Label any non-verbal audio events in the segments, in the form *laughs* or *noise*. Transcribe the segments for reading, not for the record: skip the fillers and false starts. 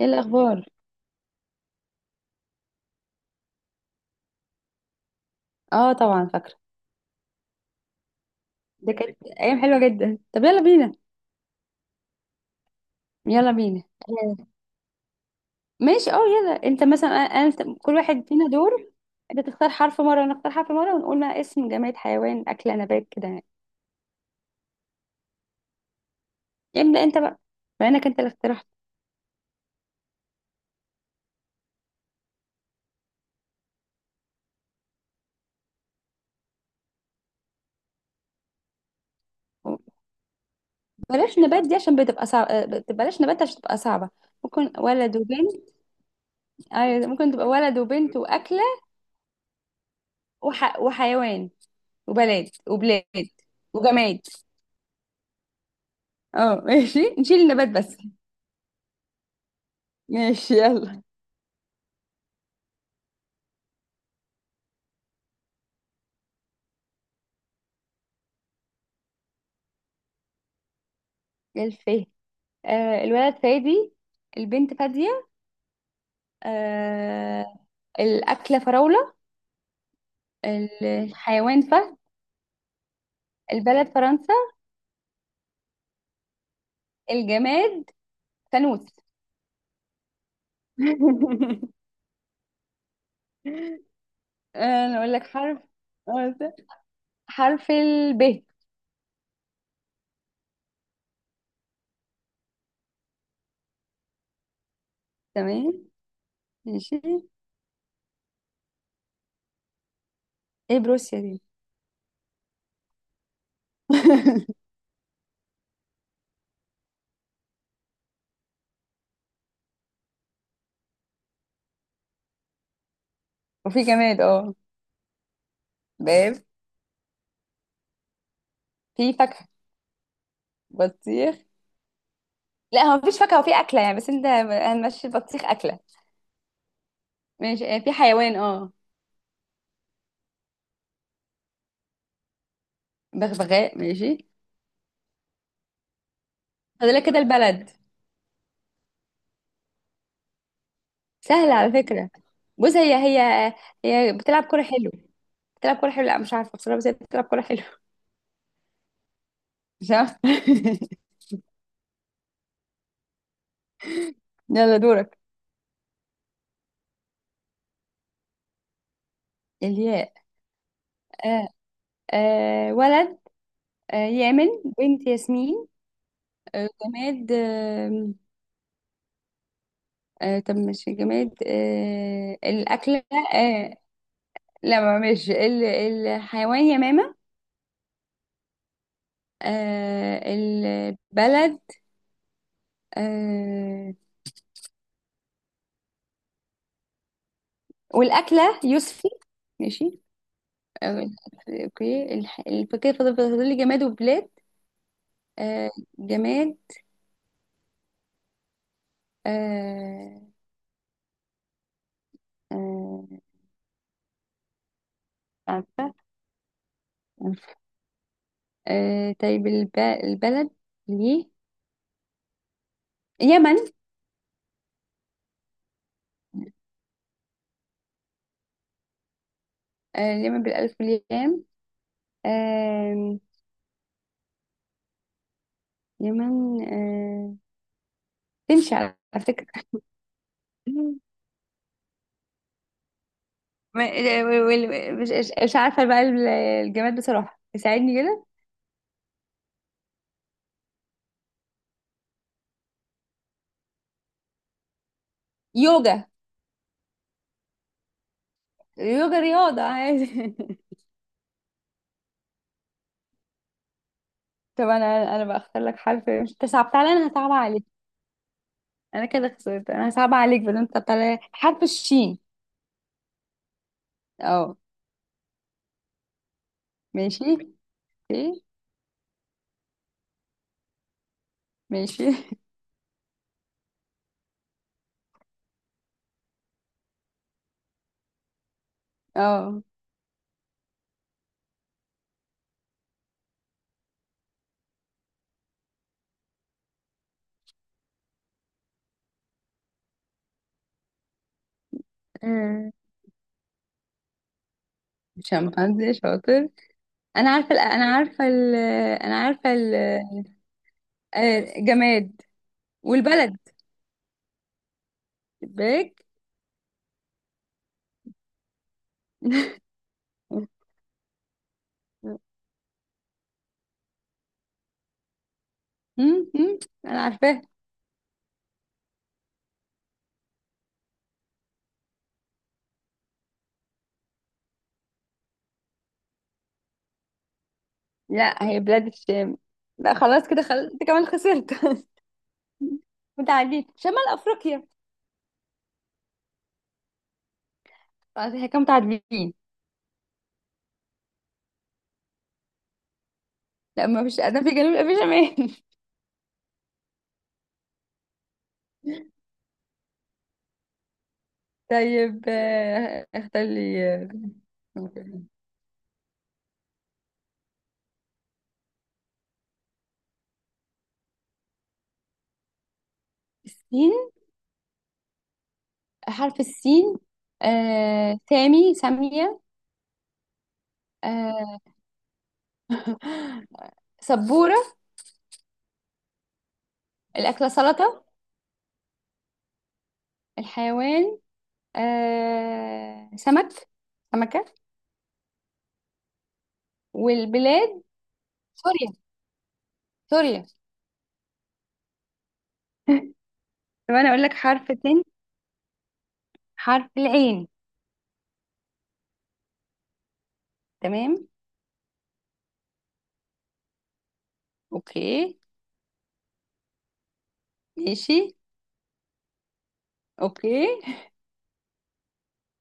ايه الاخبار؟ اه، طبعا فاكره. ده كانت ايام حلوه جدا، طب يلا بينا. يلا بينا. آه، ماشي، اه، يلا انت مثلا كل واحد فينا دور. انت تختار حرف مره وانا اختار حرف مره، ونقول ما اسم جماد، حيوان، اكله، نبات، كده يعني. ابدا انت بقى، بما انك انت اللي اقترحت. بلاش نبات دي عشان بتبقى صعبه، بلاش نبات عشان بتبقى صعبه. ممكن ولد وبنت. ايوه، ممكن تبقى ولد وبنت واكله. وحيوان، وبلد وبلاد، وجماد. اه، ماشي، نشيل النبات بس. ماشي، يلا. للفه. الولد فادي. البنت فادية. آه. الأكلة فراولة. الحيوان فهد. البلد فرنسا. الجماد فانوس. *laughs* أنا أقول لك حرف. آه، حرف الب. تمام. ماشي. ايه بروسيا دي؟ *laughs* وفي جماد، اه. باب. في فاكهة. بطيخ. لا، هو مفيش فاكهة وفي أكلة يعني، بس انت هنمشي البطيخ أكلة. ماشي، في حيوان، اه. بغبغاء، ماشي. فاضل لك كده البلد. سهلة على فكرة. بص، هي بتلعب كورة حلو. بتلعب كورة حلو، لا مش عارفة بصراحة، بس هي بتلعب كورة حلو. *laughs* مش عارفة. *laughs* يلا، دورك. الياء. آه ولد. يامن. بنت ياسمين. جماد، آه. طب، مش جماد، الأكلة. آه. لا، ما مش الحيوان يمامة. البلد. آه. والأكلة يوسفي. ماشي. اوكي، الفاكهة، فاضل لي جماد وبلاد. آه جماد. آه آه عارفة. طيب، البلد. ليه؟ يمن. اليمن بالألف واليام. آه. يمن، آه. تمشي على فكرة. *laughs* ما- مش عارفة بقى. الجماد بصراحة ساعدني كده. يوجا. يوجا رياضة عادي. *laughs* طب، أنا بختار لك حرف، مش تصعب، تعالى أنا هصعب عليك. انا كده خسرت، انا صعب عليك، بل انت طلع حرف الشين. اه، ماشي. اوكي. ماشي. *laughs* اه. آه، شمبانزي شاطر. انا عارفه ال- انا عارفه ال... انا عارفه. جماد. والبلد. باك. مم، مم، انا عارفاها. لا، هي بلاد الشام. لا، خلاص كده، خلاص انت كمان خسرت. *laughs* متعادلين، شمال افريقيا. خلاص، احنا كده متعادلين. لا، ما فيش، ادنى في جنوب، لا في شمال. طيب، اختار لي. آه، السين. حرف السين. سامي سامية. آه، سبورة. الأكلة سلطة. الحيوان، سمك. سمكة. والبلاد سوريا، سوريا. طب أنا أقول لك حرف تاني. حرف العين. تمام. أوكي. ماشي. أوكي.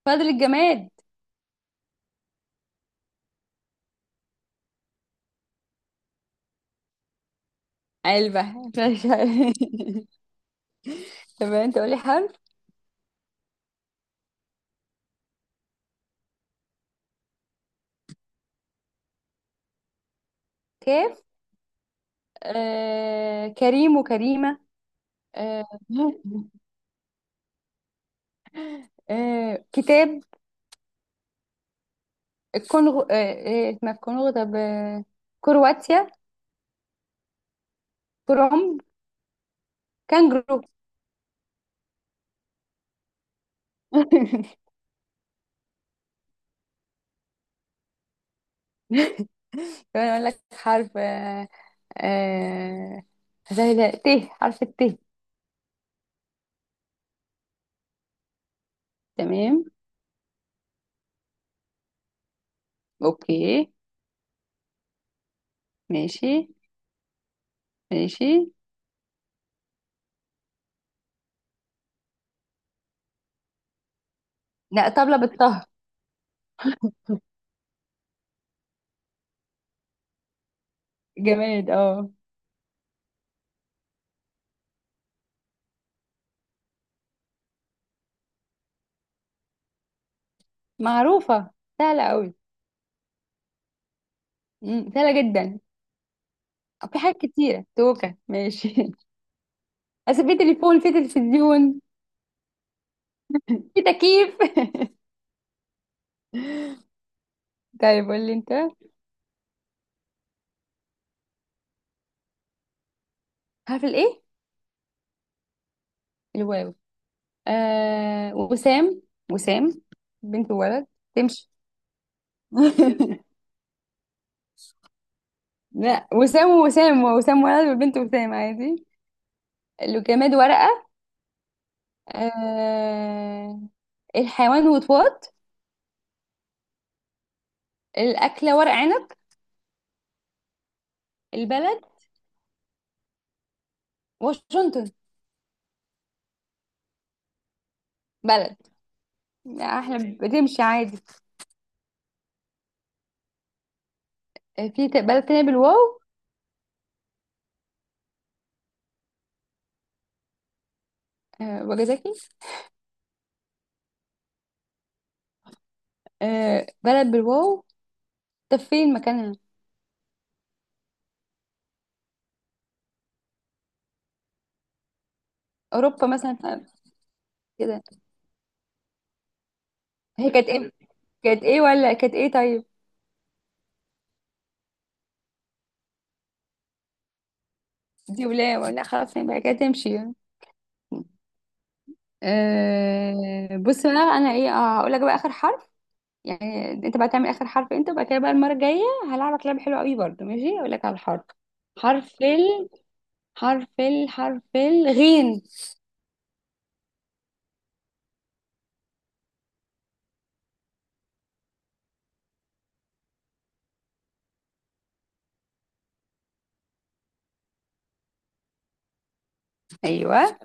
فاضل الجماد. علبة. *laughs* طب، أنت قولي حرف. كاف. كريم وكريمة. آه. *laughs* كتاب. الكونغو، ما في كونغو، طب، آه. كرواتيا. كروم. كانجرو. *laughs* كمان اقول لك حرف. آه زي ده ت، حرف الت. تمام. اوكي. ماشي. ماشي. لا، طبلة بالطه. جماد، اه. معروفة. سهلة قوي. سهلة جدا. في حاجات كتيرة، توكة ماشي. *laughs* بس في تليفون، في تلفزيون. في تكييف. *laughs* طيب، قول لي انت. حرف الايه؟ الواو. وسام. وسام. بنت وولد. تمشي. *laughs* لا، وسام ووسام، وسام ولد والبنت وسام، عادي. لو جماد، ورقة. آه. الحيوان وطواط. الأكلة ورق عنب. البلد واشنطن. بلد. لا، احنا بتمشي عادي. في بلد تانية بالواو. وجزاكي. بلد بالواو. طب فين مكانها؟ أوروبا مثلا. كده. هي كانت ايه؟ كانت ايه ولا كانت ايه؟ طيب. دي ولا خلاص، يبقى كده تمشي. أه، بص بقى. انا ايه؟ هقول لك بقى اخر حرف. يعني انت بقى تعمل اخر حرف انت، وبعد كده بقى المره الجايه. هلعبك لعبه حلوه قوي برضه، ماشي اقول لك على الحرف. حرف ال حرف الغين. ايوه.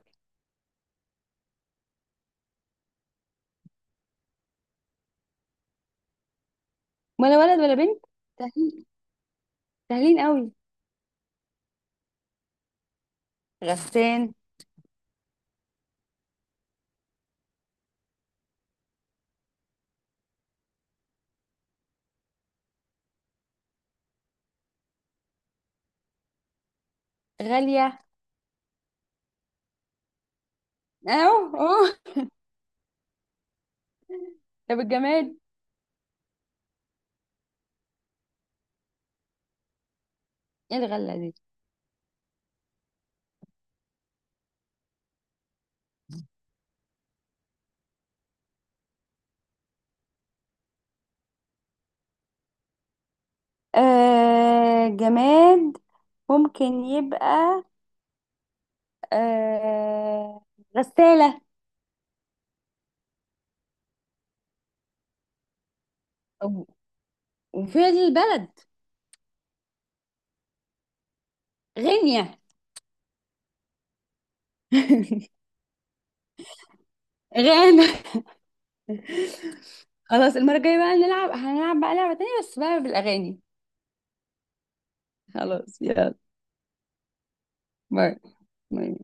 ولا ولد ولا بنت؟ سهلين. سهلين قوي. غسان. غاليه. اهو اهو. طب الجماد. ايه الغله دي؟ أه، جماد ممكن يبقى، أه غسالة. و- وفين البلد؟ غينيا. *laughs* غانا. خلاص، المرة الجاية بقى هنلعب بقى لعبة تانية، بس بقى بالأغاني. خلاص، يلا. باي. باي.